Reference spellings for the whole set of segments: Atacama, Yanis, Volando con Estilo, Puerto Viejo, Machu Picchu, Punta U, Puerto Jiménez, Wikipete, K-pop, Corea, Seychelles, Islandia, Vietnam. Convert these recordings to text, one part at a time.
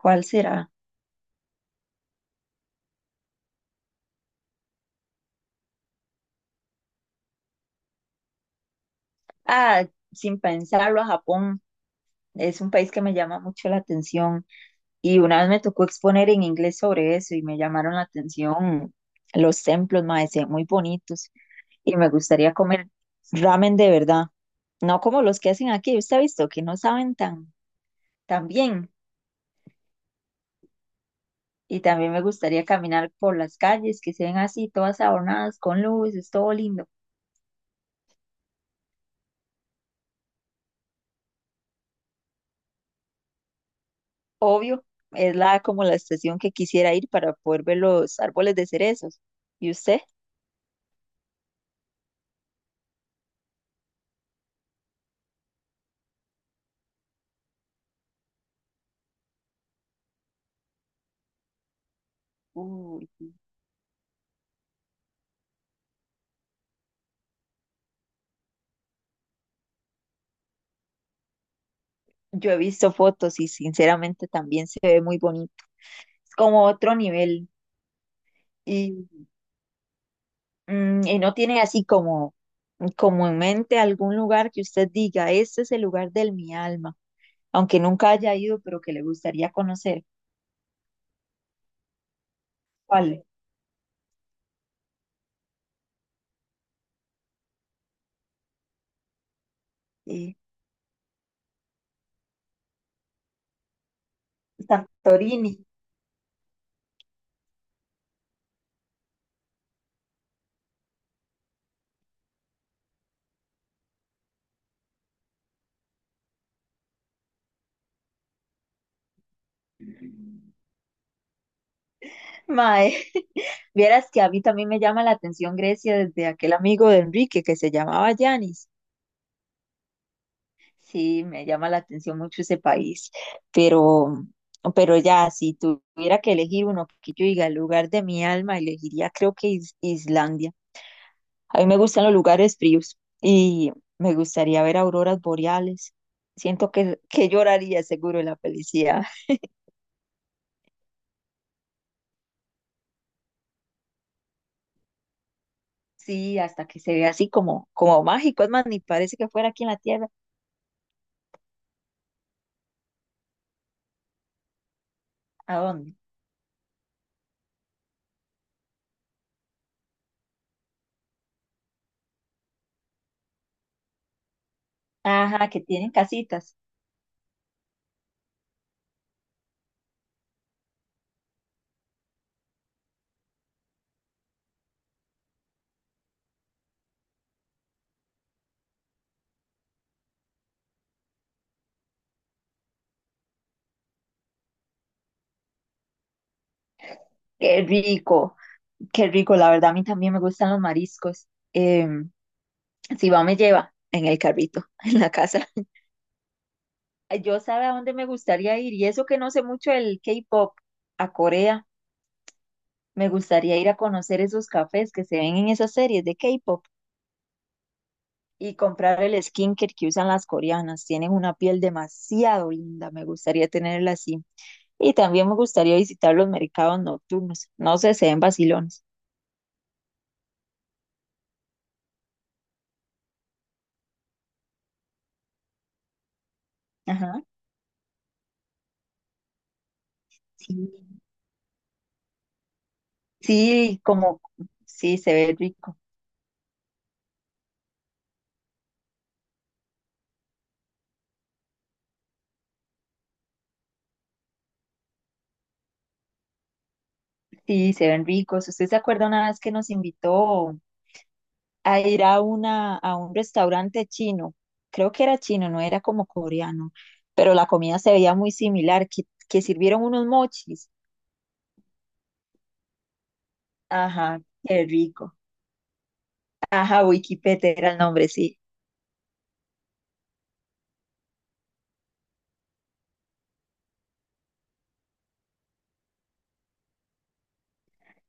¿Cuál será? Ah, sin pensarlo, a Japón. Es un país que me llama mucho la atención y una vez me tocó exponer en inglés sobre eso y me llamaron la atención los templos, mae, se ven muy bonitos y me gustaría comer ramen de verdad, no como los que hacen aquí, usted ha visto que no saben tan bien y también me gustaría caminar por las calles que se ven así, todas adornadas con luces, todo lindo. Obvio, es la como la estación que quisiera ir para poder ver los árboles de cerezos. ¿Y usted? Uy, sí. Yo he visto fotos y sinceramente también se ve muy bonito. Es como otro nivel. Y y no tiene así como, como en mente algún lugar que usted diga, este es el lugar del mi alma, aunque nunca haya ido, pero que le gustaría conocer. ¿Cuál? Sí. Santorini. Mae. Vieras que a mí también me llama la atención Grecia desde aquel amigo de Enrique que se llamaba Yanis. Sí, me llama la atención mucho ese país, pero, pero ya, si tuviera que elegir uno que yo diga el lugar de mi alma, elegiría creo que Islandia. A mí me gustan los lugares fríos y me gustaría ver auroras boreales. Siento que lloraría seguro en la felicidad. Sí, hasta que se vea así como, como mágico. Es más, ni parece que fuera aquí en la Tierra. ¿A dónde? Ajá, que tienen casitas. Qué rico, qué rico. La verdad, a mí también me gustan los mariscos. Em, si va, me lleva en el carrito, en la casa. Ay, yo sabe a dónde me gustaría ir. Y eso que no sé mucho del K-pop, a Corea. Me gustaría ir a conocer esos cafés que se ven en esas series de K-pop y comprar el skincare que usan las coreanas. Tienen una piel demasiado linda. Me gustaría tenerla así. Y también me gustaría visitar los mercados nocturnos. No sé, se ven vacilones. Ajá. Sí, sí, como, sí, se ve rico, sí, se ven ricos. ¿Usted se acuerda una vez que nos invitó a ir a una, a un restaurante chino? Creo que era chino, no era como coreano, pero la comida se veía muy similar, que sirvieron unos mochis. Ajá, qué rico. Ajá, Wikipete era el nombre, sí.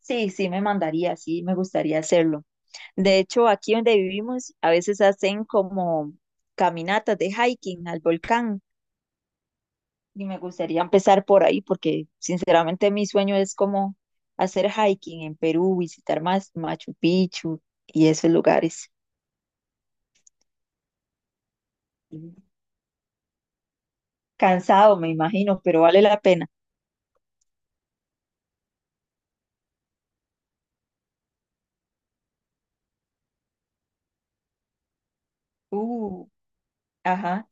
Sí, sí, me mandaría, sí, me gustaría hacerlo. De hecho, aquí donde vivimos, a veces hacen como caminatas de hiking al volcán. Y me gustaría empezar por ahí porque sinceramente mi sueño es como hacer hiking en Perú, visitar más Machu Picchu y esos lugares. Mm. Cansado, me imagino, pero vale la pena. Uh, ajá,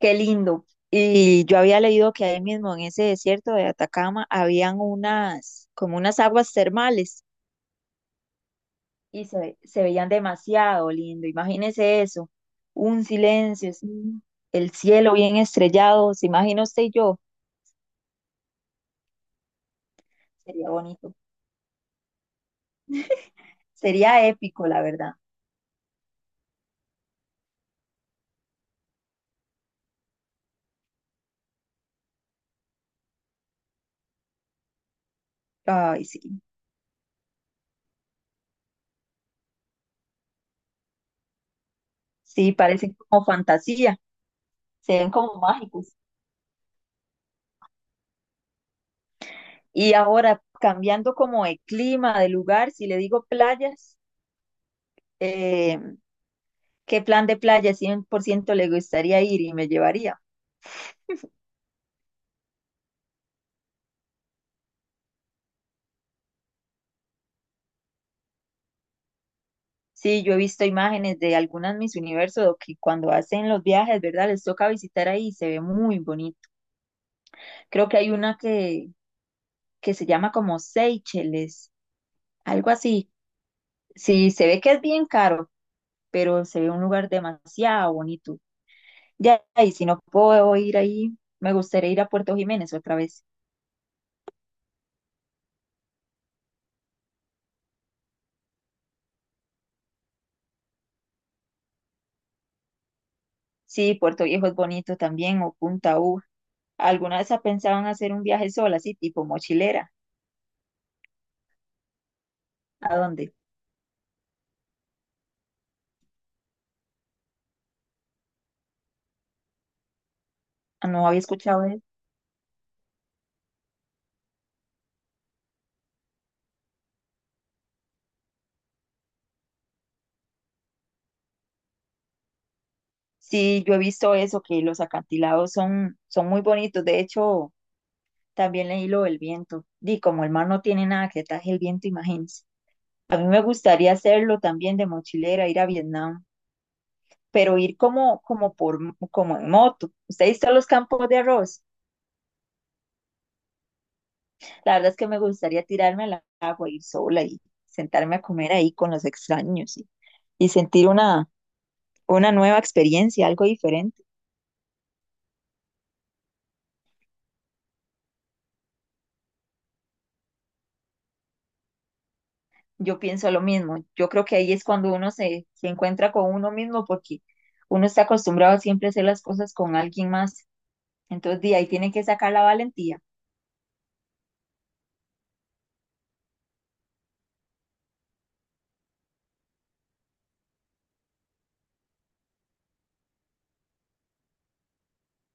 qué lindo. Y yo había leído que ahí mismo en ese desierto de Atacama habían unas, como unas aguas termales y se veían demasiado lindo. Imagínese eso, un silencio, así, el cielo bien estrellado, se imagina usted y yo, sería bonito. Sería épico, la verdad. Ay, sí. Sí, parecen como fantasía, se ven como mágicos. Y ahora, cambiando como de clima, de lugar, si le digo playas, eh, ¿qué plan de playa 100% le gustaría ir y me llevaría? Sí, yo he visto imágenes de algunas Miss Universo que cuando hacen los viajes, ¿verdad? Les toca visitar ahí y se ve muy bonito. Creo que hay una que se llama como Seychelles, algo así. Sí, se ve que es bien caro, pero se ve un lugar demasiado bonito. Ya, y si no puedo ir ahí, me gustaría ir a Puerto Jiménez otra vez. Sí, Puerto Viejo es bonito también, o Punta U. ¿Alguna vez ha pensado en hacer un viaje sola, así tipo mochilera? ¿A dónde? Ah, no había escuchado de eso. Sí, yo he visto eso, que los acantilados son, son muy bonitos. De hecho, también leí lo del viento. Di, como el mar no tiene nada que taje el viento, imagínense. A mí me gustaría hacerlo también de mochilera, ir a Vietnam. Pero ir como, como, por, como en moto. Usted ha visto los campos de arroz. La verdad es que me gustaría tirarme al agua, ir sola y sentarme a comer ahí con los extraños y sentir una nueva experiencia, algo diferente. Yo pienso lo mismo. Yo creo que ahí es cuando uno se encuentra con uno mismo porque uno está acostumbrado siempre a hacer las cosas con alguien más. Entonces, de ahí tiene que sacar la valentía.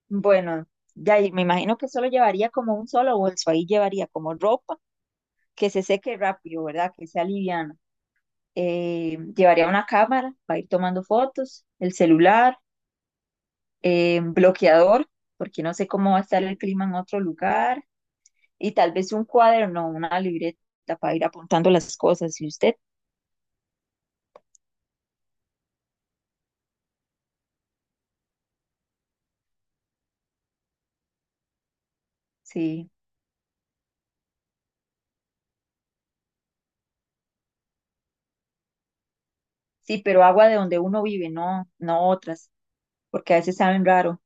Bueno, de ahí me imagino que solo llevaría como un solo bolso. Ahí llevaría como ropa, que se seque rápido, ¿verdad? Que sea liviano. Llevaría una cámara para ir tomando fotos, el celular, bloqueador, porque no sé cómo va a estar el clima en otro lugar, y tal vez un cuaderno, una libreta para ir apuntando las cosas. ¿Y usted? Sí, sí, pero agua de donde uno vive, no, no otras, porque a veces saben raro.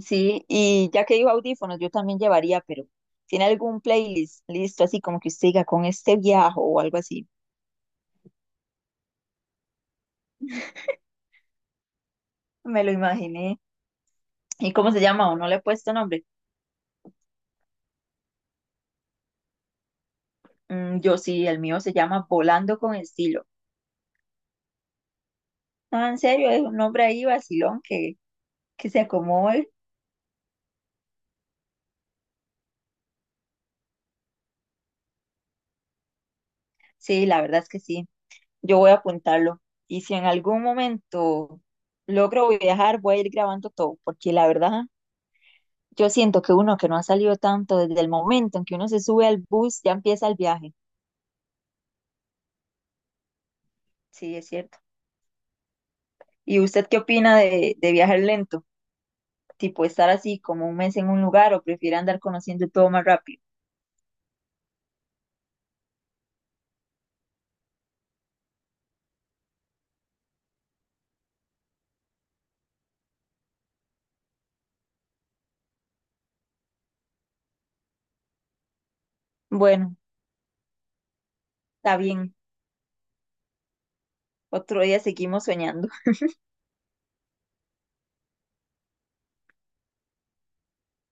Sí, y ya que digo audífonos, yo también llevaría, pero ¿tiene algún playlist listo así como que usted diga con este viaje o algo así? Me lo imaginé. ¿Y cómo se llama? ¿O no le he puesto nombre? Mm, yo sí, el mío se llama Volando con Estilo. Ah, en serio, es un nombre ahí vacilón que se acomode. Sí, la verdad es que sí. Yo voy a apuntarlo. Y si en algún momento logro viajar, voy a ir grabando todo, porque la verdad, yo siento que uno que no ha salido tanto desde el momento en que uno se sube al bus, ya empieza el viaje. Sí, es cierto. ¿Y usted qué opina de viajar lento? Tipo estar así como un mes en un lugar o prefiere andar conociendo todo más rápido. Bueno. Está bien, otro día seguimos soñando.